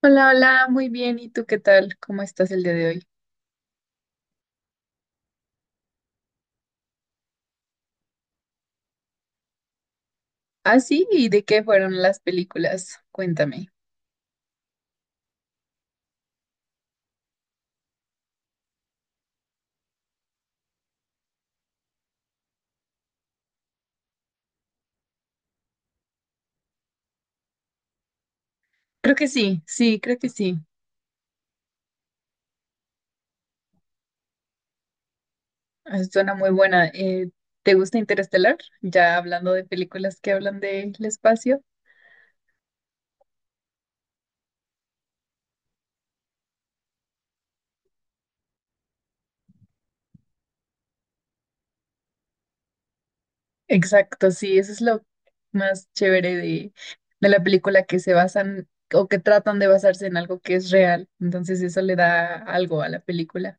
Hola, hola, muy bien. ¿Y tú qué tal? ¿Cómo estás el día de hoy? Ah, sí, ¿y de qué fueron las películas? Cuéntame. Creo que sí, sí, creo que sí. Ah, suena muy buena. ¿Te gusta Interestelar? Ya hablando de películas que hablan del espacio. Exacto, sí, eso es lo más chévere de la película que se basan o que tratan de basarse en algo que es real. Entonces eso le da algo a la película.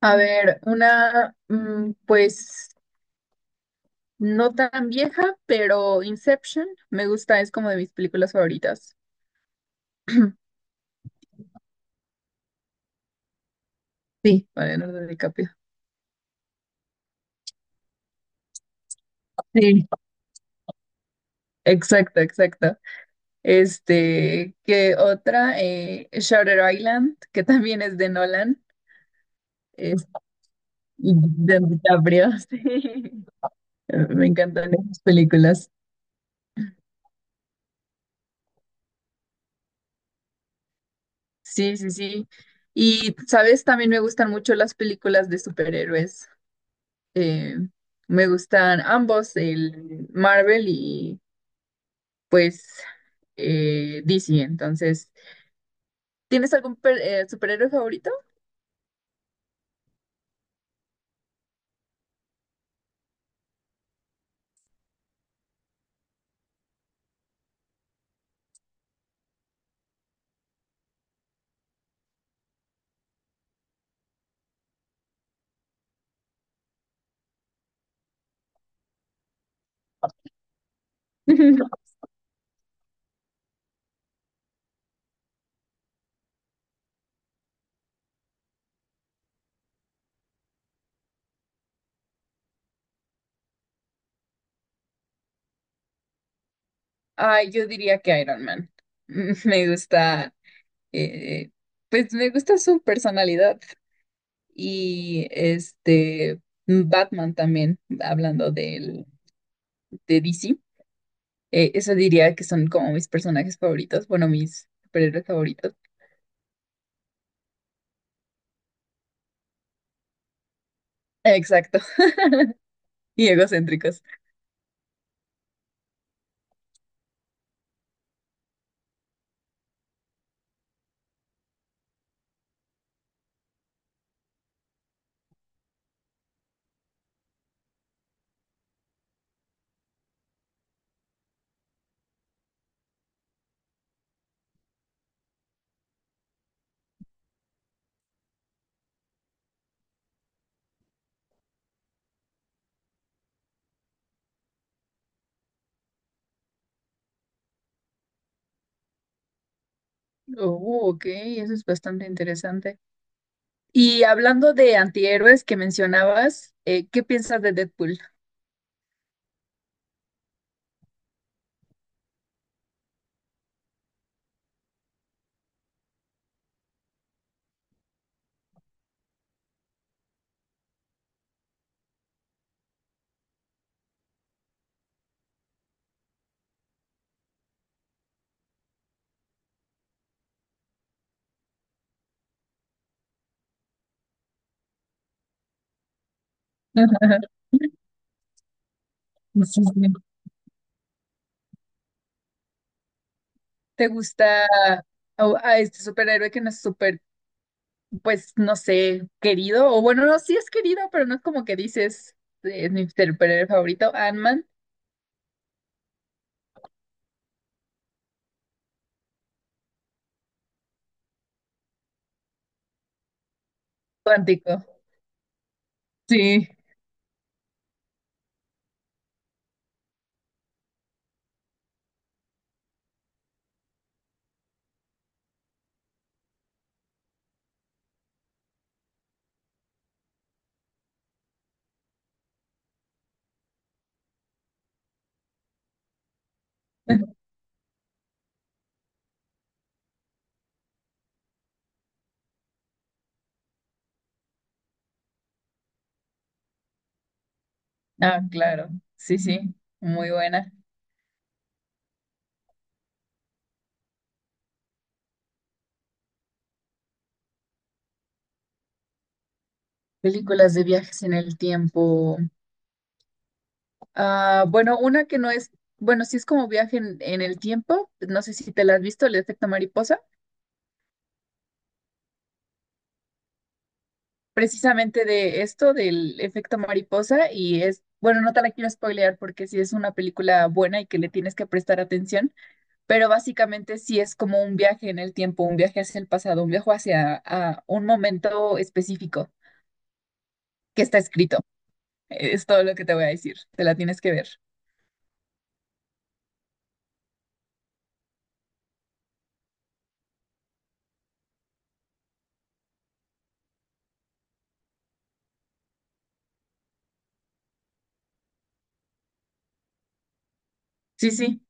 A ver, una, pues no tan vieja, pero Inception me gusta, es como de mis películas favoritas. Sí, con Leonardo DiCaprio. Sí. Exacto, exacto. Este, que otra, Shutter Island, que también es de Nolan, es y de DiCaprio. Sí. Me encantan esas películas. Sí, sí, sí. Y, ¿sabes? También me gustan mucho las películas de superhéroes. Eh, me gustan ambos, el Marvel y pues DC. Entonces, ¿ superhéroe favorito? Ay, yo diría que Iron Man. Me gusta, eh, pues me gusta su personalidad y este Batman también, hablando del, de DC. Eso diría que son como mis personajes favoritos, bueno, mis superhéroes favoritos. Exacto, y egocéntricos. Oh, ok, eso es bastante interesante. Y hablando de antihéroes que mencionabas, ¿qué piensas de Deadpool? Sí, sí. ¿Te gusta a este superhéroe que no es súper, pues no sé, ¿querido? O bueno, no, sí es querido, pero no es como que dices, es mi superhéroe favorito, Ant-Man, cuántico. Sí. Ah, claro, sí, sí, muy buena. Películas de viajes en el tiempo. Ah, bueno, una que no es, bueno, sí es como viaje en el tiempo, no sé si te la has visto, El efecto mariposa. Precisamente de esto, del efecto mariposa, y es, bueno, no te la quiero spoilear porque sí es una película buena y que le tienes que prestar atención, pero básicamente sí es como un viaje en el tiempo, un viaje hacia el pasado, un viaje hacia a un momento específico que está escrito. Es todo lo que te voy a decir, te la tienes que ver. Sí, sí.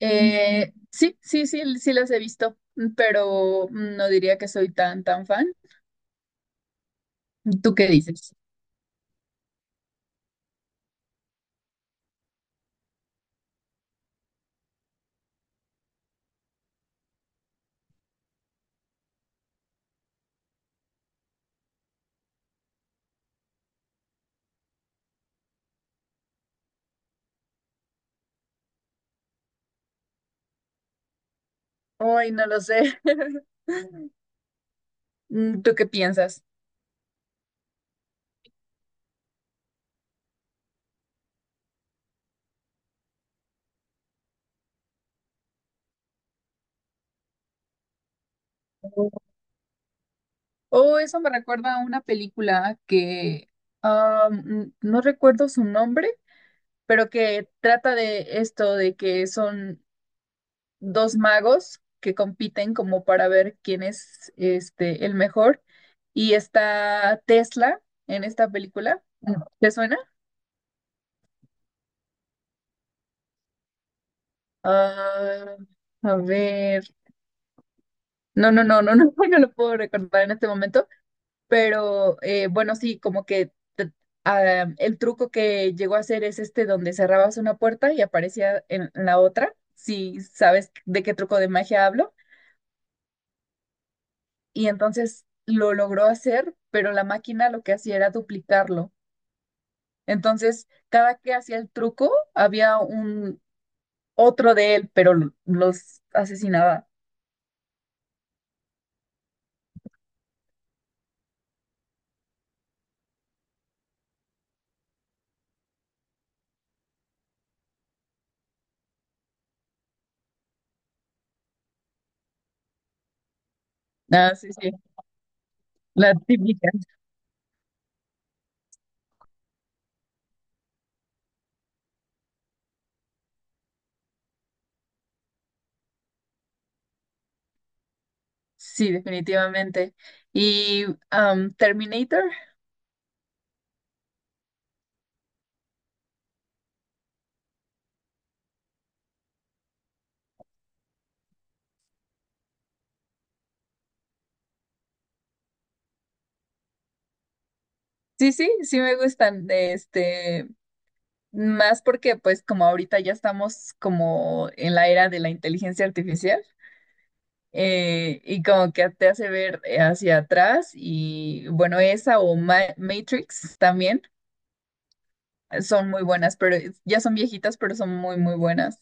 Sí, sí, sí, sí las he visto, pero no diría que soy tan, tan fan. ¿Tú qué dices? Hoy no lo sé. ¿Tú qué piensas? Oh, eso me recuerda a una película que ah, no recuerdo su nombre, pero que trata de esto, de que son dos magos que compiten como para ver quién es el mejor. Y está Tesla en esta película. Mm. ¿Te suena? Ah, a ver. No, no lo puedo recordar en este momento. Pero bueno, sí, como que te- ah, el truco que llegó a hacer es este donde cerrabas una puerta y aparecía en la otra, si sabes de qué truco de magia hablo. Y entonces lo logró hacer, pero la máquina lo que hacía era duplicarlo. Entonces, cada que hacía el truco, había un otro de él, pero los asesinaba. Ah, sí, sí, la típica. Sí, definitivamente. Y Terminator. Sí, sí, sí me gustan, de este, más porque pues como ahorita ya estamos como en la era de la inteligencia artificial, y como que te hace ver hacia atrás y bueno, esa o Matrix también, son muy buenas, pero es- ya son viejitas, pero son muy, muy buenas.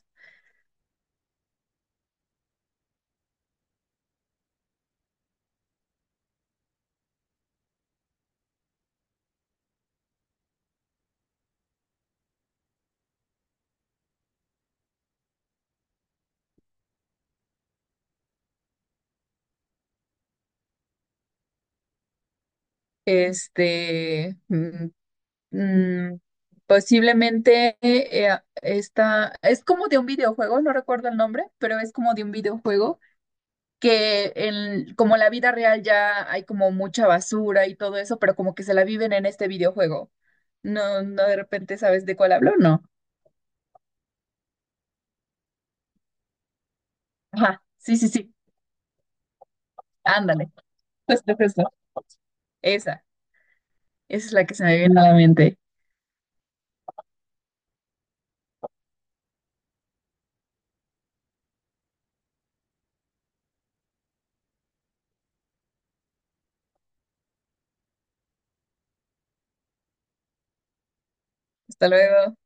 Este, mm, mm, Posiblemente esta, es como de un videojuego, no recuerdo el nombre, pero es como de un videojuego que en, como en la vida real ya hay como mucha basura y todo eso, pero como que se la viven en este videojuego. No, no de repente sabes de cuál hablo, no. Ajá, sí, sí, sí, ándale. Justo, justo. Esa, esa es la que se me viene a la mente. Hasta luego.